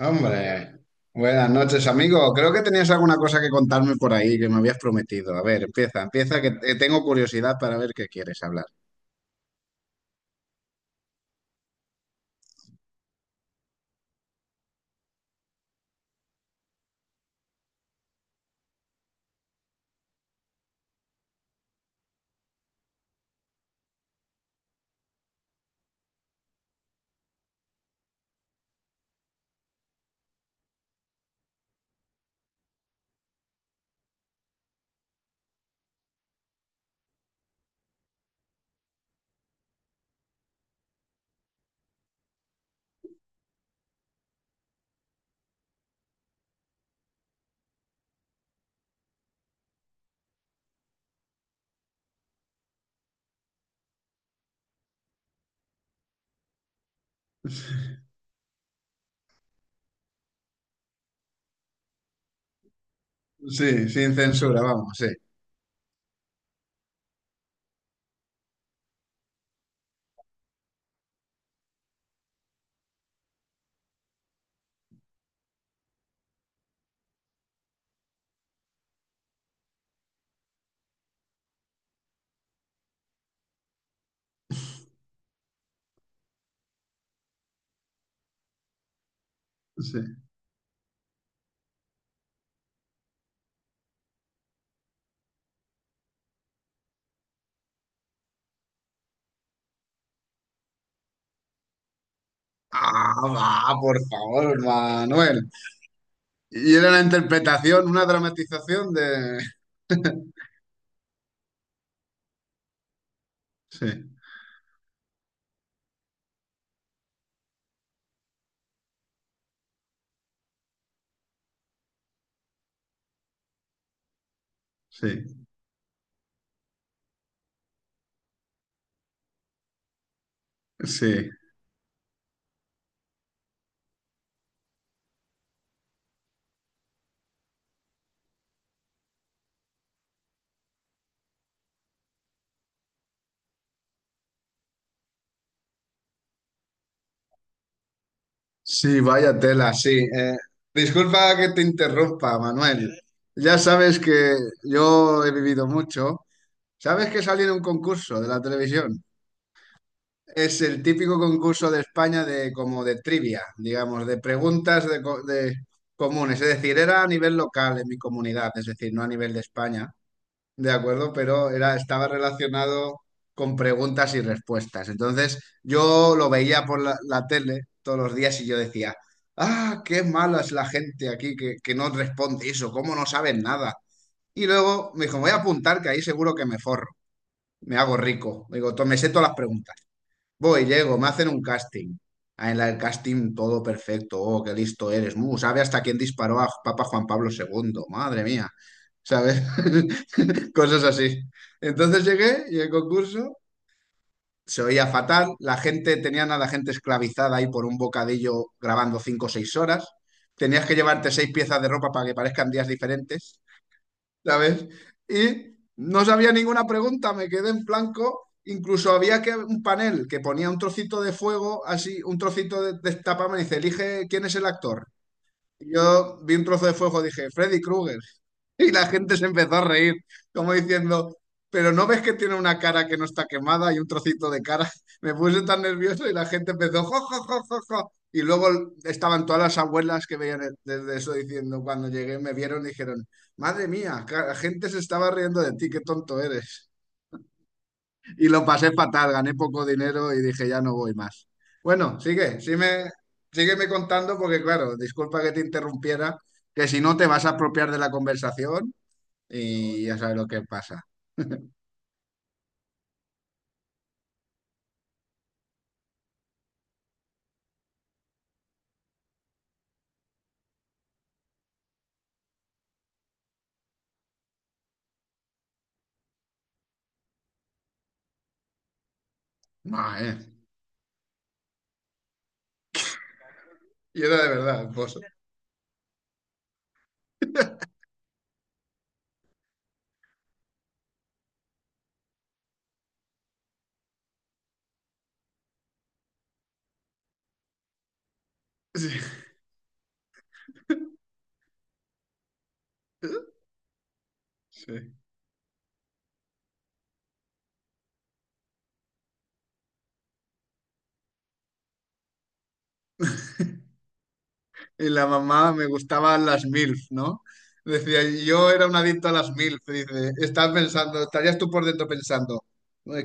Hombre, buenas noches, amigo. Creo que tenías alguna cosa que contarme por ahí que me habías prometido. A ver, empieza, empieza, que tengo curiosidad para ver qué quieres hablar. Sí, sin censura, vamos, sí, sí. Ah, va, por favor, Manuel. Y era una interpretación, una dramatización de... Sí, sí, sí. Sí, vaya tela, sí. Disculpa que te interrumpa, Manuel. Ya sabes que yo he vivido mucho. ¿Sabes que salí en un concurso de la televisión? Es el típico concurso de España de como de trivia, digamos, de preguntas de, de comunes. Es decir, era a nivel local en mi comunidad, es decir, no a nivel de España, ¿de acuerdo? Pero era, estaba relacionado con preguntas y respuestas. Entonces, yo lo veía por la tele todos los días y yo decía, ah, qué mala es la gente aquí que no responde eso, cómo no saben nada. Y luego me dijo, voy a apuntar que ahí seguro que me forro, me hago rico. Digo, me sé todas las preguntas. Voy, llego, me hacen un casting. Ah, en la del casting todo perfecto. Oh, qué listo eres. Mu, sabe hasta quién disparó a Papa Juan Pablo segundo. Madre mía. ¿Sabes? Cosas así. Entonces llegué y el concurso se oía fatal. La gente, tenían a la gente esclavizada ahí por un bocadillo grabando cinco o seis horas. Tenías que llevarte seis piezas de ropa para que parezcan días diferentes. ¿Sabes? Y no sabía ninguna pregunta, me quedé en blanco. Incluso había que un panel que ponía un trocito de fuego, así, un trocito de tapa, me dice, elige quién es el actor. Yo vi un trozo de fuego, dije, Freddy Krueger. Y la gente se empezó a reír, como diciendo, pero ¿no ves que tiene una cara que no está quemada y un trocito de cara? Me puse tan nervioso y la gente empezó, jo, jo, jo, jo, jo". Y luego estaban todas las abuelas que veían desde eso diciendo, cuando llegué, me vieron y dijeron, madre mía, la gente se estaba riendo de ti, qué tonto eres. Y lo pasé fatal, gané poco dinero y dije, ya no voy más. Bueno, sigue, sígueme contando porque, claro, disculpa que te interrumpiera, que si no te vas a apropiar de la conversación y ya sabes lo que pasa. No, eh. Y era de verdad, el pozo. Sí, sí. Y la mamá me gustaban las MILF, ¿no? Decía, yo era un adicto a las MILF. Dice, estás pensando, estarías tú por dentro pensando,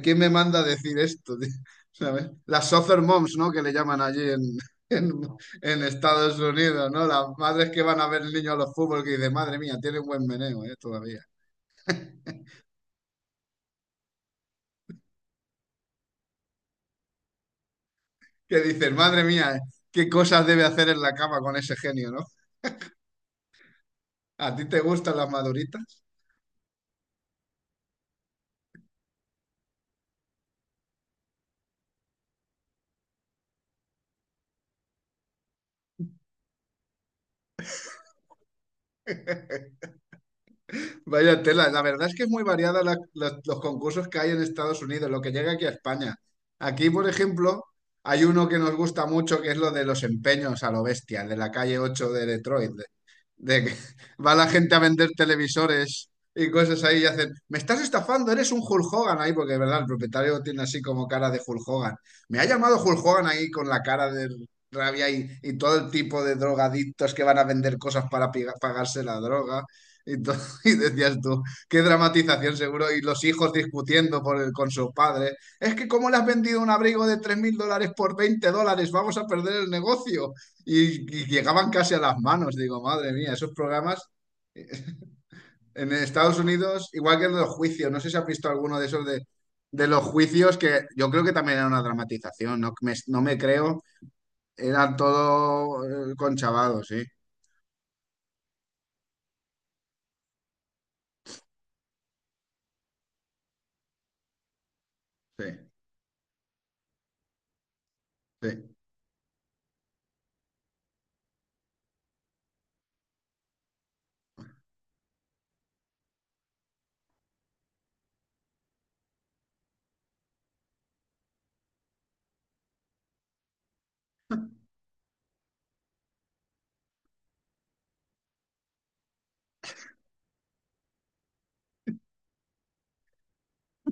¿quién me manda a decir esto? ¿Sabes? Las soccer moms, ¿no? Que le llaman allí en, en, en Estados Unidos, ¿no? Las madres que van a ver el niño a los fútbol que dicen, madre mía, tiene un buen meneo, ¿eh? Todavía. Que dicen, madre mía, qué cosas debe hacer en la cama con ese genio, ¿no? ¿A ti te gustan las maduritas? Vaya tela, la verdad es que es muy variada los concursos que hay en Estados Unidos, lo que llega aquí a España. Aquí, por ejemplo, hay uno que nos gusta mucho, que es lo de los empeños a lo bestia, el de la calle 8 de Detroit de que va la gente a vender televisores y cosas ahí y hacen, me estás estafando, eres un Hulk Hogan ahí, porque de verdad el propietario tiene así como cara de Hulk Hogan. Me ha llamado Hulk Hogan ahí con la cara de rabia y todo el tipo de drogadictos que van a vender cosas para pagarse la droga. Y, y decías tú, qué dramatización seguro, y los hijos discutiendo por con su padre. Es que cómo le has vendido un abrigo de 3000 dólares por 20 dólares, vamos a perder el negocio. Y llegaban casi a las manos. Digo, madre mía, esos programas eh, en Estados Unidos, igual que en los juicios, no sé si has visto alguno de esos de los juicios, que yo creo que también era una dramatización, no me creo, eran todo conchavados, sí, sí. Sí,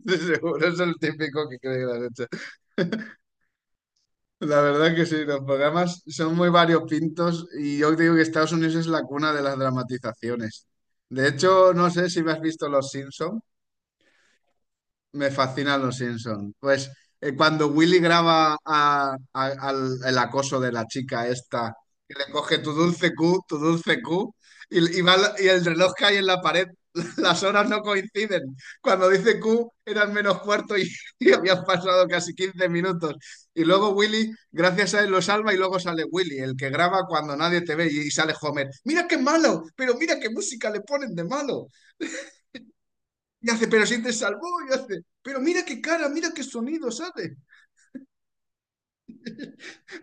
de seguro es el típico que cree que lo has hecho. La verdad que sí, los programas son muy variopintos y yo digo que Estados Unidos es la cuna de las dramatizaciones. De hecho, no sé si me has visto Los Simpson. Me fascinan los Simpson. Pues cuando Willy graba al, el acoso de la chica esta, que le coge tu dulce Q, y, y el reloj cae en la pared, las horas no coinciden. Cuando dice Q eran menos cuarto y, y habían pasado casi 15 minutos. Y luego Willy, gracias a él, lo salva y luego sale Willy, el que graba cuando nadie te ve y sale Homer. Mira qué malo, pero mira qué música le ponen de malo. Y hace, pero si te salvó, y hace, pero mira qué cara, mira qué sonido sale.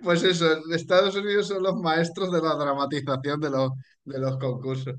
Pues eso, Estados Unidos son los maestros de la dramatización de los concursos.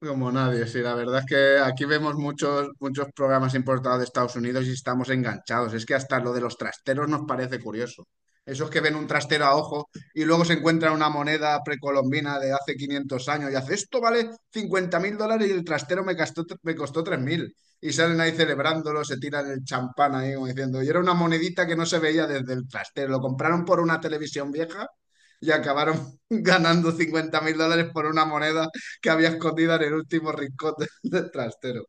Como nadie, sí, la verdad es que aquí vemos muchos, muchos programas importados de Estados Unidos y estamos enganchados. Es que hasta lo de los trasteros nos parece curioso. Esos que ven un trastero a ojo y luego se encuentran una moneda precolombina de hace 500 años y hace esto vale 50 000 dólares y el trastero me costó 3000. Y salen ahí celebrándolo, se tiran el champán ahí como diciendo, y era una monedita que no se veía desde el trastero. Lo compraron por una televisión vieja y acabaron ganando 50 000 dólares por una moneda que había escondida en el último rincón del del trastero.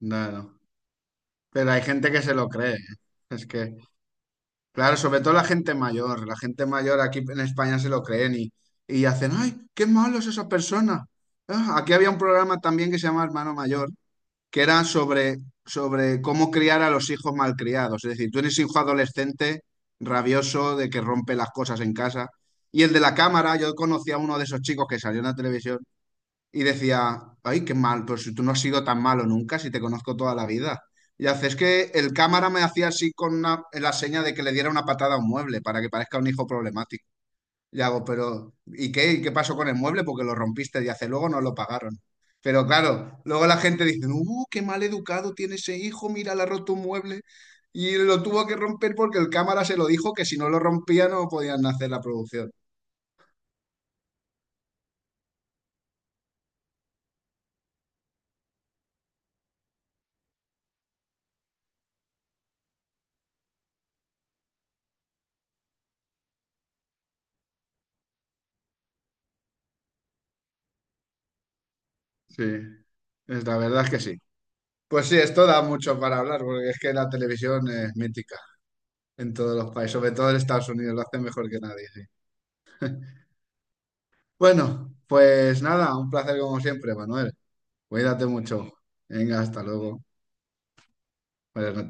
No, no. Pero hay gente que se lo cree, ¿eh? Es que, claro, sobre todo la gente mayor. La gente mayor aquí en España se lo creen y hacen, ¡ay, qué malo es esa persona! Ah, aquí había un programa también que se llama Hermano Mayor, que era sobre, sobre cómo criar a los hijos malcriados. Es decir, tú eres hijo adolescente, rabioso, de que rompe las cosas en casa. Y el de la cámara, yo conocí a uno de esos chicos que salió en la televisión. Y decía, ay, qué mal, pero si tú no has sido tan malo nunca, si te conozco toda la vida. Y hace, es que el cámara me hacía así con la seña de que le diera una patada a un mueble para que parezca un hijo problemático. Y hago, pero ¿y qué? ¿Y qué pasó con el mueble? Porque lo rompiste y hace, luego no lo pagaron. Pero claro, luego la gente dice, qué mal educado tiene ese hijo, mira, le ha roto un mueble. Y lo tuvo que romper porque el cámara se lo dijo que si no lo rompía no podían hacer la producción. Sí, es, la verdad es que sí. Pues sí, esto da mucho para hablar, porque es que la televisión es mítica en todos los países, sobre todo en Estados Unidos, lo hacen mejor que nadie. Sí. Bueno, pues nada, un placer como siempre, Manuel. Cuídate mucho. Venga, hasta luego. Buenas noches.